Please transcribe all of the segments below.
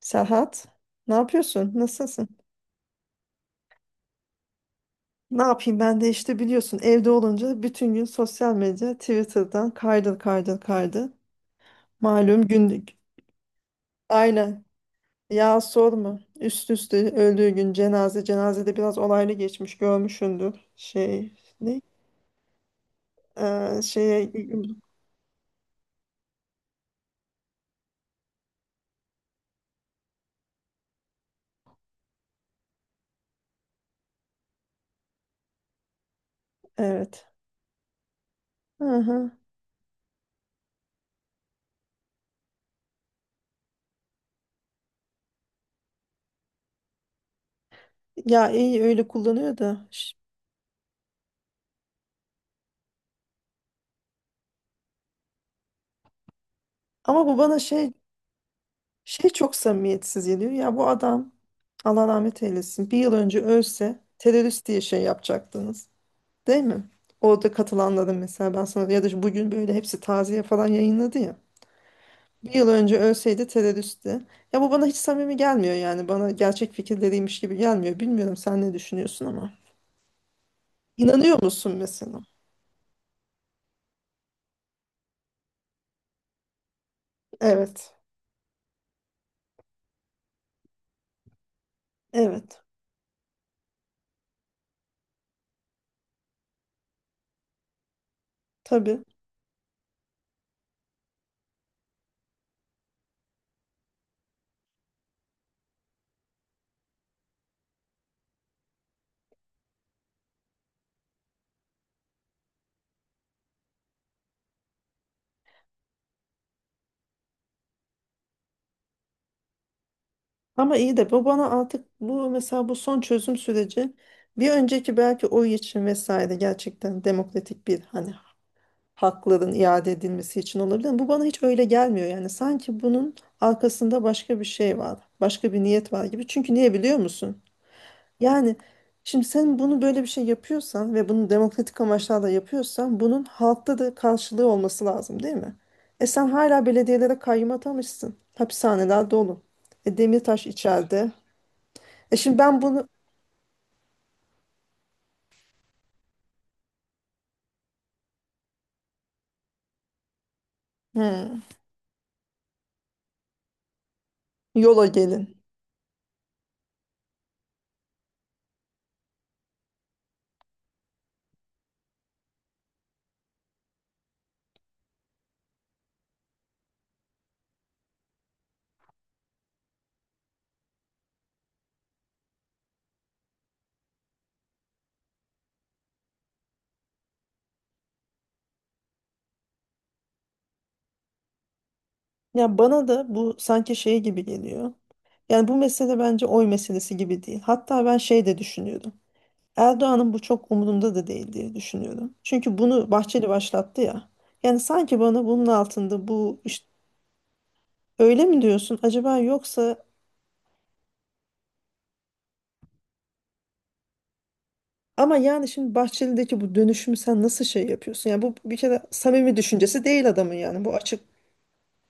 Serhat, ne yapıyorsun? Nasılsın? Ne yapayım ben de işte biliyorsun evde olunca bütün gün sosyal medya Twitter'dan kaydır kaydır kaydır. Malum günlük. Aynen. Ya sorma. Üst üste öldüğü gün cenaze. Cenazede biraz olaylı geçmiş görmüşsündür. Şey ne? Şeye evet. Hı hı. Ya iyi öyle kullanıyor da. Ama bu bana şey. Şey çok samimiyetsiz geliyor. Ya bu adam Allah rahmet eylesin. Bir yıl önce ölse terörist diye şey yapacaktınız. Değil mi? Orada katılanların mesela ben sana ya da bugün böyle hepsi taziye falan yayınladı ya. Bir yıl önce ölseydi teröristti. Ya bu bana hiç samimi gelmiyor yani. Bana gerçek fikirleriymiş gibi gelmiyor. Bilmiyorum sen ne düşünüyorsun ama. İnanıyor musun mesela? Evet. Evet. Tabii. Ama iyi de bu bana artık bu mesela bu son çözüm süreci bir önceki belki oy için vesaire gerçekten demokratik bir hani hakların iade edilmesi için olabilir. Ama bu bana hiç öyle gelmiyor yani sanki bunun arkasında başka bir şey var, başka bir niyet var gibi. Çünkü niye biliyor musun? Yani şimdi sen bunu böyle bir şey yapıyorsan ve bunu demokratik amaçlarla yapıyorsan bunun halkta da karşılığı olması lazım değil mi? E sen hala belediyelere kayyum atamışsın. Hapishaneler dolu. Demirtaş içeride. E şimdi ben bunu. Hmm, yola gelin. Ya bana da bu sanki şey gibi geliyor. Yani bu mesele bence oy meselesi gibi değil. Hatta ben şey de düşünüyordum. Erdoğan'ın bu çok umurunda da değil diye düşünüyorum. Çünkü bunu Bahçeli başlattı ya. Yani sanki bana bunun altında bu işte öyle mi diyorsun acaba yoksa ama yani şimdi Bahçeli'deki bu dönüşümü sen nasıl şey yapıyorsun? Yani bu bir kere samimi düşüncesi değil adamın yani bu açık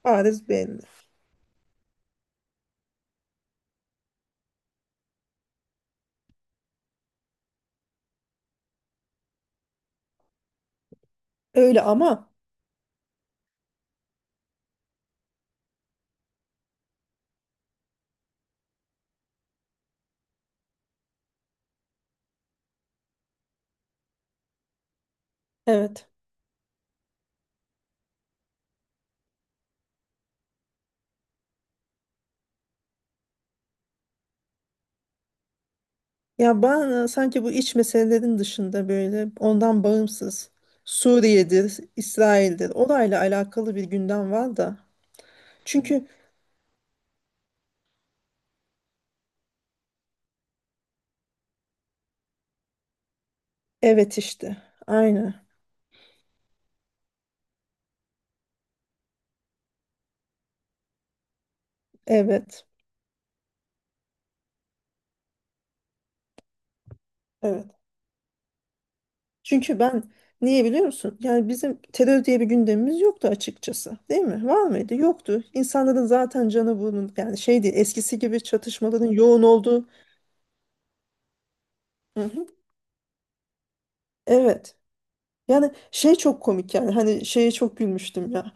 bariz belli. Öyle ama evet. Ya ben sanki bu iç meselelerin dışında böyle ondan bağımsız Suriye'dir, İsrail'dir orayla alakalı bir gündem var da. Çünkü evet işte aynı evet evet. Çünkü ben niye biliyor musun? Yani bizim terör diye bir gündemimiz yoktu açıkçası değil mi? Var mıydı? Yoktu. İnsanların zaten canı bunun yani şey değil eskisi gibi çatışmaların yoğun olduğu. Hı hı. Evet. Yani şey çok komik yani hani şeye çok gülmüştüm ya.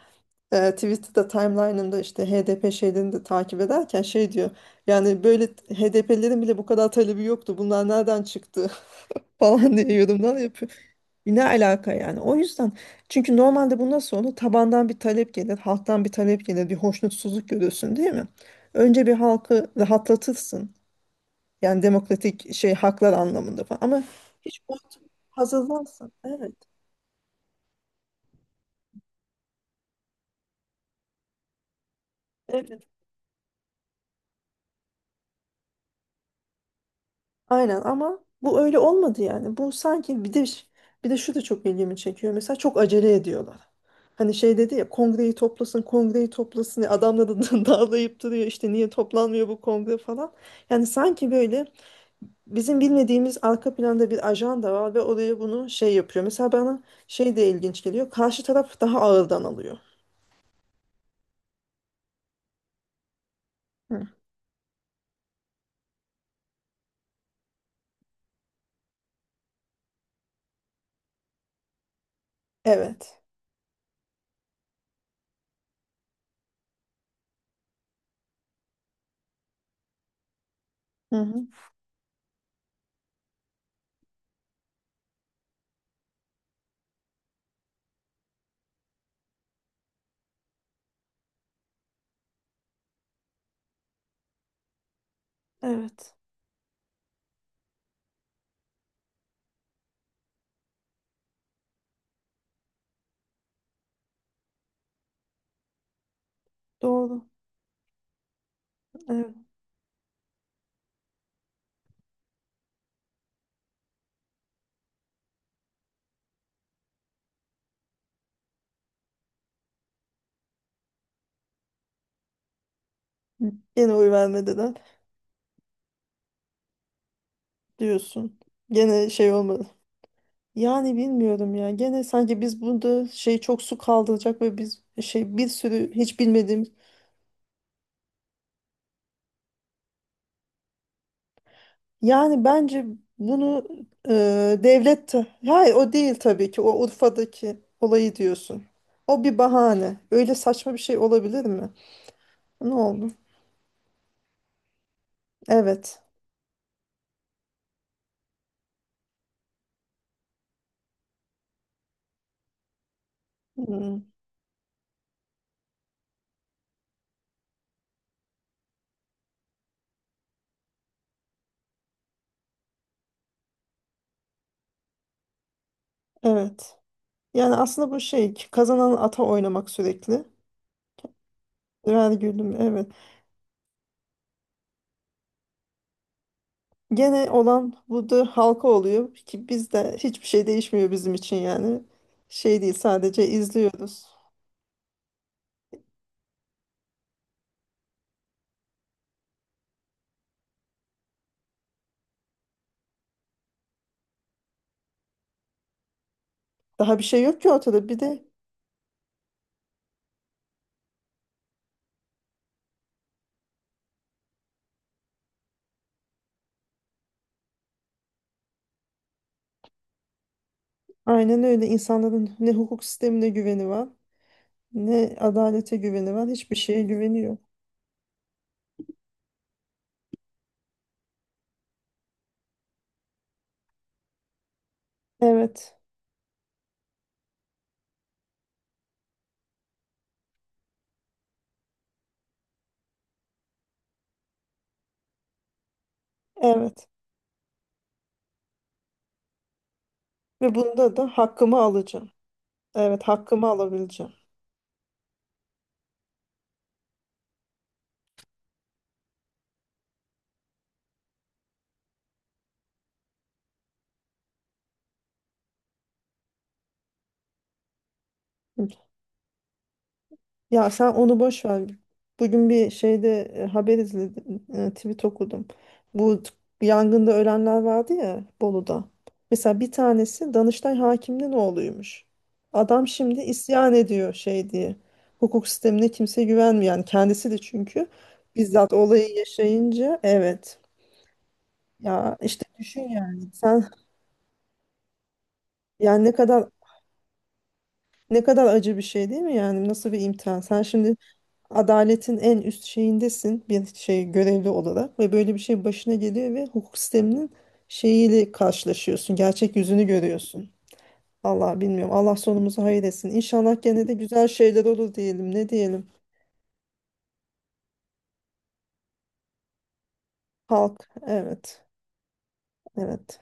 Twitter'da timeline'ında işte HDP şeylerini de takip ederken şey diyor. Yani böyle HDP'lerin bile bu kadar talebi yoktu. Bunlar nereden çıktı falan diye yorumlar yapıyor. E, ne alaka yani? O yüzden çünkü normalde bu nasıl olur? Tabandan bir talep gelir, halktan bir talep gelir, bir hoşnutsuzluk görürsün değil mi? Önce bir halkı rahatlatırsın. Yani demokratik şey haklar anlamında falan. Ama hiç bu hazırlansın. Evet. Evet. Aynen ama bu öyle olmadı yani. Bu sanki bir de bir de şu da çok ilgimi çekiyor. Mesela çok acele ediyorlar. Hani şey dedi ya kongreyi toplasın, kongreyi toplasın. Adamla da dağlayıp duruyor işte niye toplanmıyor bu kongre falan. Yani sanki böyle bizim bilmediğimiz arka planda bir ajanda var ve oraya bunu şey yapıyor. Mesela bana şey de ilginç geliyor. Karşı taraf daha ağırdan alıyor. Hı. Evet. Hı hı. Evet. Doğru. Evet. Gene oy vermediler diyorsun. Gene şey olmadı. Yani bilmiyorum ya. Gene sanki biz burada şey çok su kaldıracak ve biz şey bir sürü hiç bilmediğimiz. Yani bence bunu e, devlet hayır o değil tabii ki. O Urfa'daki olayı diyorsun. O bir bahane. Öyle saçma bir şey olabilir mi? Ne oldu? Evet. Hmm, evet. Yani aslında bu şey kazanan ata oynamak sürekli. Ver gülüm. Evet. Gene olan budur halka oluyor ki bizde hiçbir şey değişmiyor bizim için yani. Şey değil sadece izliyoruz. Daha bir şey yok ki ortada. Bir de Aynen öyle insanların ne hukuk sistemine güveni var, ne adalete güveni var, hiçbir şeye güveni yok. Evet. Evet. Ve bunda da hakkımı alacağım. Evet, hakkımı alabileceğim. Hı. Ya sen onu boş ver. Bugün bir şeyde haber izledim, tweet okudum. Bu t- yangında ölenler vardı ya Bolu'da. Mesela bir tanesi Danıştay hakiminin oğluymuş. Adam şimdi isyan ediyor şey diye. Hukuk sistemine kimse güvenmiyor. Yani kendisi de çünkü bizzat olayı yaşayınca evet. Ya işte düşün yani sen yani ne kadar ne kadar acı bir şey değil mi yani nasıl bir imtihan sen şimdi adaletin en üst şeyindesin bir şey görevli olarak ve böyle bir şey başına geliyor ve hukuk sisteminin şeyiyle karşılaşıyorsun gerçek yüzünü görüyorsun. Allah bilmiyorum Allah sonumuzu hayır etsin. İnşallah gene de güzel şeyler olur diyelim ne diyelim. Halk evet evet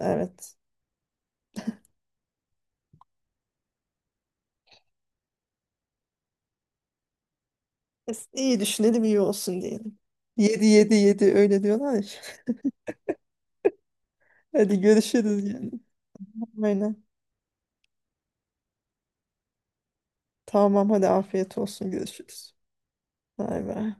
evet. İyi düşünelim iyi olsun diyelim. Yedi yedi yedi öyle diyorlar ya. Hadi görüşürüz yani aynen. Tamam hadi afiyet olsun görüşürüz. Bay bay.